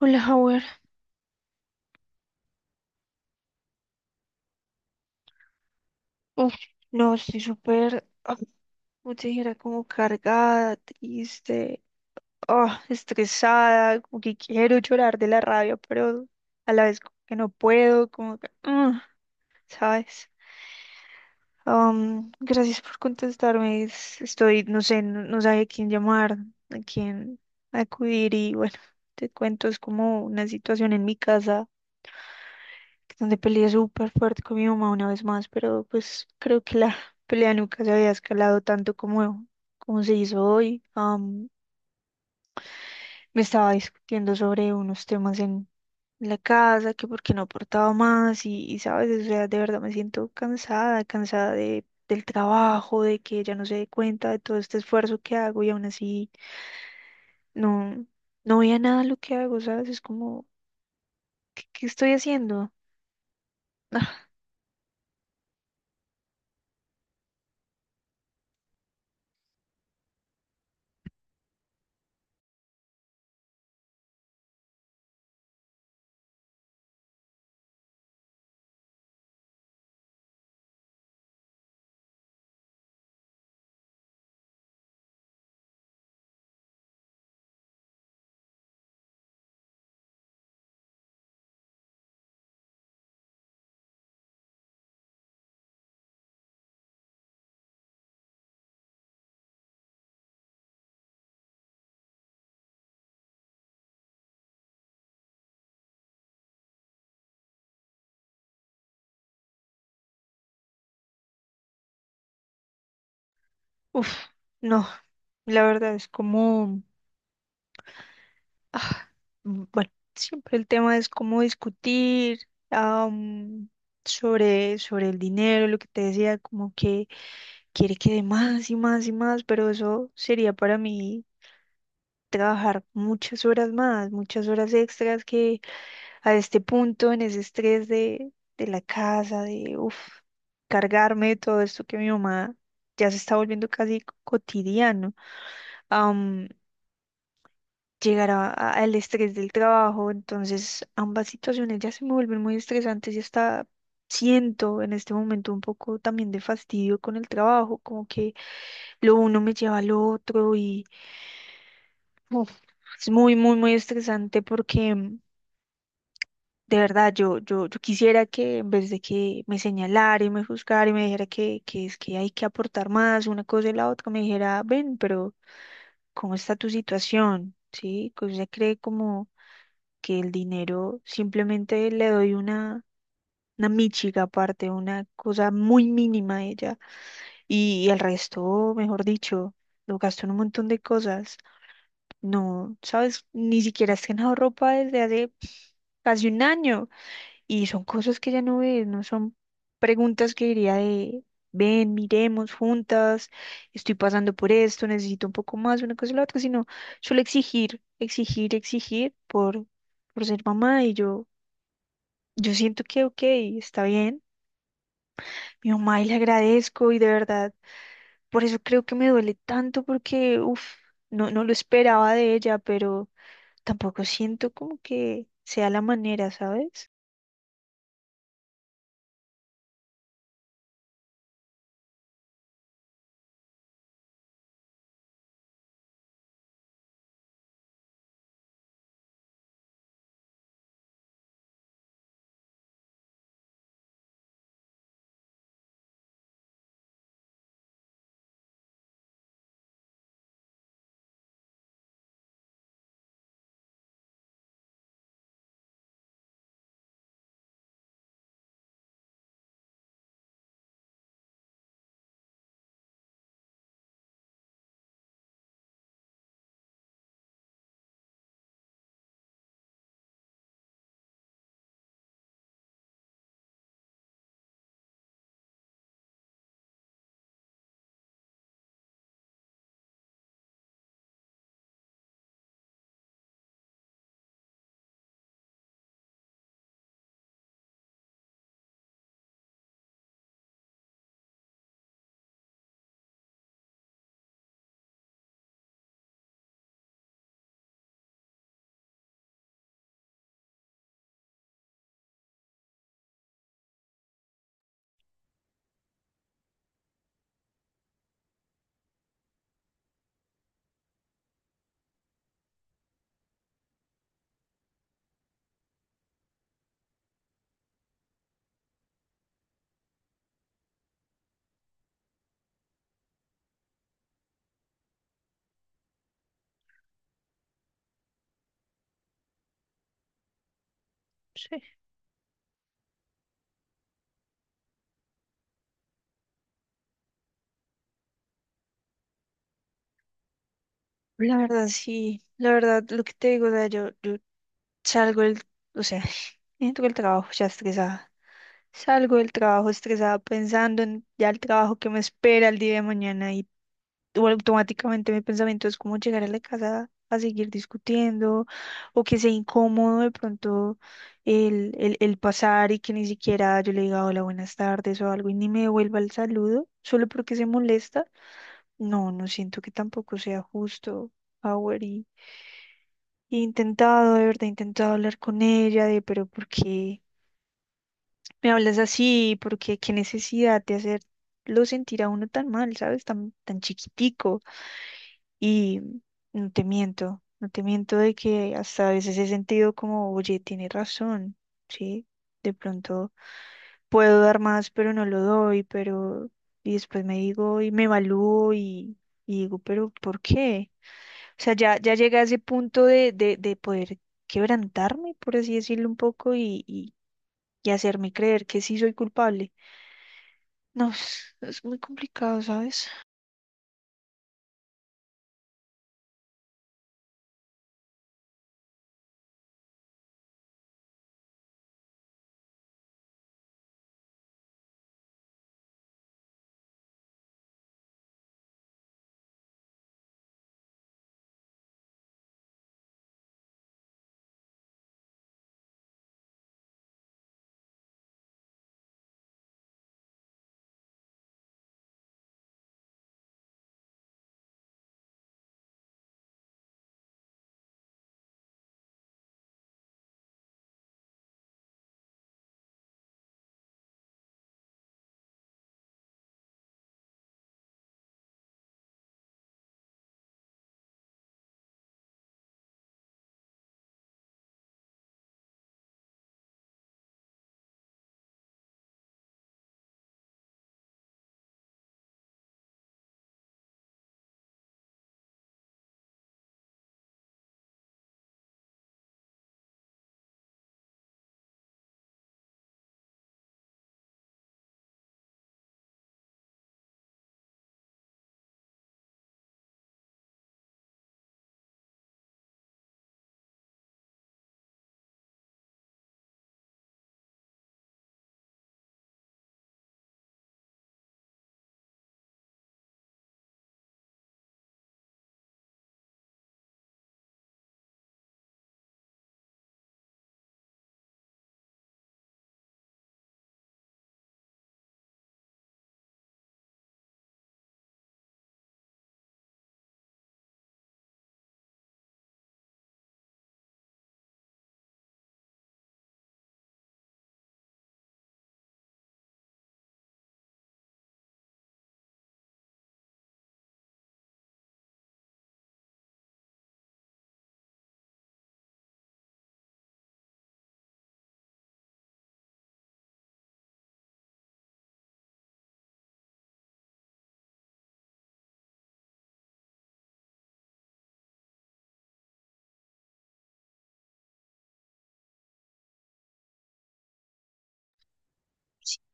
Hola, Howard. Uf, no, estoy súper, como te dijera, como cargada, triste, estresada, como que quiero llorar de la rabia, pero a la vez como que no puedo, como que, ¿sabes? Gracias por contestarme. Estoy, no sé, no, no sabía a quién llamar, a quién acudir y bueno, te cuento, es como una situación en mi casa, donde peleé súper fuerte con mi mamá una vez más, pero pues creo que la pelea nunca se había escalado tanto como se hizo hoy. Me estaba discutiendo sobre unos temas en la casa, que por qué no aportaba más sabes, o sea, de verdad me siento cansada, cansada de, del trabajo, de que ella no se dé cuenta de todo este esfuerzo que hago y aún así no, no veía nada lo que hago, ¿sabes? Es como, ¿qué estoy haciendo? Ah, uf, no, la verdad es como Ah, bueno, siempre el tema es cómo discutir am, sobre el dinero, lo que te decía, como que quiere que dé más y más y más, pero eso sería para mí trabajar muchas horas más, muchas horas extras que a este punto, en ese estrés de la casa, de uf, cargarme de todo esto que mi mamá ya se está volviendo casi cotidiano. Llegar al estrés del trabajo. Entonces, ambas situaciones ya se me vuelven muy estresantes y hasta siento en este momento un poco también de fastidio con el trabajo, como que lo uno me lleva al otro y uf, es muy, muy, muy estresante porque de verdad yo quisiera que en vez de que me señalara y me juzgara y me dijera que es que hay que aportar más una cosa y la otra, me dijera, ven, pero ¿cómo está tu situación? ¿Sí? Que usted cree como que el dinero simplemente le doy una míchiga aparte, una cosa muy mínima a ella y el resto, mejor dicho, lo gasto en un montón de cosas. No, sabes, ni siquiera has ganado ropa desde hace casi un año y son cosas que ya no ves, no son preguntas que diría de ven, miremos juntas, estoy pasando por esto, necesito un poco más, una cosa y la otra, sino solo exigir, exigir, exigir por ser mamá y yo siento que, ok, está bien. Mi mamá y le agradezco y de verdad, por eso creo que me duele tanto porque, uff, no, no lo esperaba de ella, pero tampoco siento como que sea la manera, ¿sabes? Sí. La verdad, sí, la verdad, lo que te digo, o sea, yo salgo del, o sea, entro del trabajo ya estresada. Salgo del trabajo estresada pensando en ya el trabajo que me espera el día de mañana y o automáticamente mi pensamiento es como llegar a la casa a seguir discutiendo o que sea incómodo de pronto el pasar y que ni siquiera yo le diga hola, buenas tardes o algo y ni me devuelva el saludo solo porque se molesta. No, no siento que tampoco sea justo, Howard, y he intentado, de verdad, he intentado hablar con ella de, pero ¿por qué? Me hablas así porque qué necesidad de hacerlo sentir a uno tan mal, ¿sabes? Tan, tan chiquitico. Y no te miento, no te miento de que hasta a veces he sentido como, oye, tiene razón, ¿sí? De pronto puedo dar más, pero no lo doy, pero y después me digo y me evalúo digo, pero ¿por qué? O sea, ya, ya llegué a ese punto de poder quebrantarme, por así decirlo un poco, hacerme creer que sí soy culpable. No, es muy complicado, ¿sabes?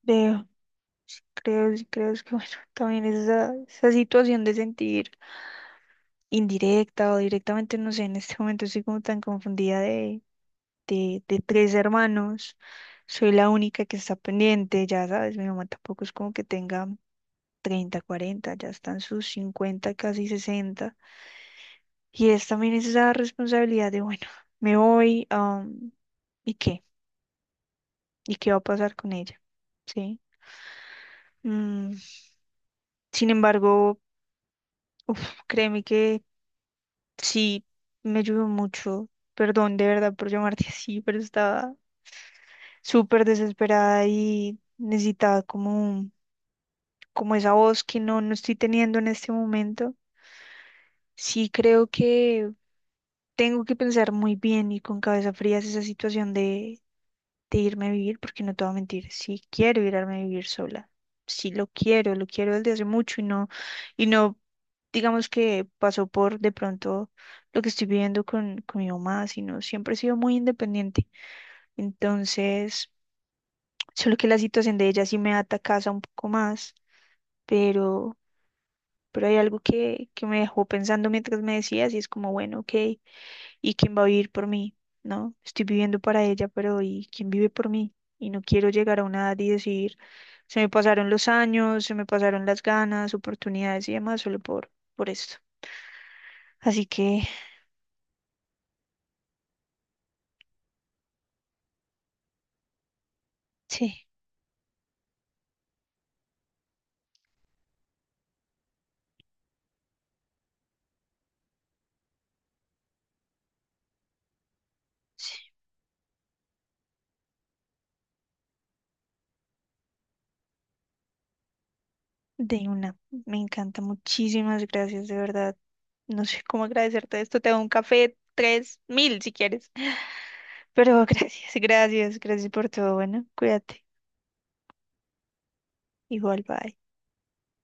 Veo, creo, creo es que, bueno, también esa situación de sentir indirecta o directamente, no sé, en este momento estoy como tan confundida de tres hermanos, soy la única que está pendiente, ya sabes, mi mamá tampoco es como que tenga 30, 40, ya están sus 50, casi 60, y es también esa responsabilidad de, bueno, me voy, ¿y qué? ¿Y qué va a pasar con ella? ¿Sí? Mm, sin embargo, uf, créeme que sí me ayudó mucho. Perdón de verdad por llamarte así, pero estaba súper desesperada y necesitaba como, como esa voz que no, no estoy teniendo en este momento. Sí, creo que tengo que pensar muy bien y con cabeza fría es esa situación de irme a vivir, porque no te voy a mentir, sí quiero irme a vivir sola, sí lo quiero desde hace mucho y no, digamos que pasó por de pronto lo que estoy viviendo con mi mamá, sino siempre he sido muy independiente. Entonces, solo que la situación de ella sí me ata casa un poco más, pero, hay algo que me dejó pensando mientras me decías y es como, bueno, ok, ¿y quién va a vivir por mí? ¿No? Estoy viviendo para ella, pero ¿y quién vive por mí? Y no quiero llegar a una edad y decir, se me pasaron los años, se me pasaron las ganas, oportunidades y demás solo por esto. Así que sí, sí, de una. Me encanta. Muchísimas gracias, de verdad. No sé cómo agradecerte esto. Te doy un café, 3000 si quieres. Pero gracias, gracias, gracias por todo. Bueno, cuídate. Igual, bye.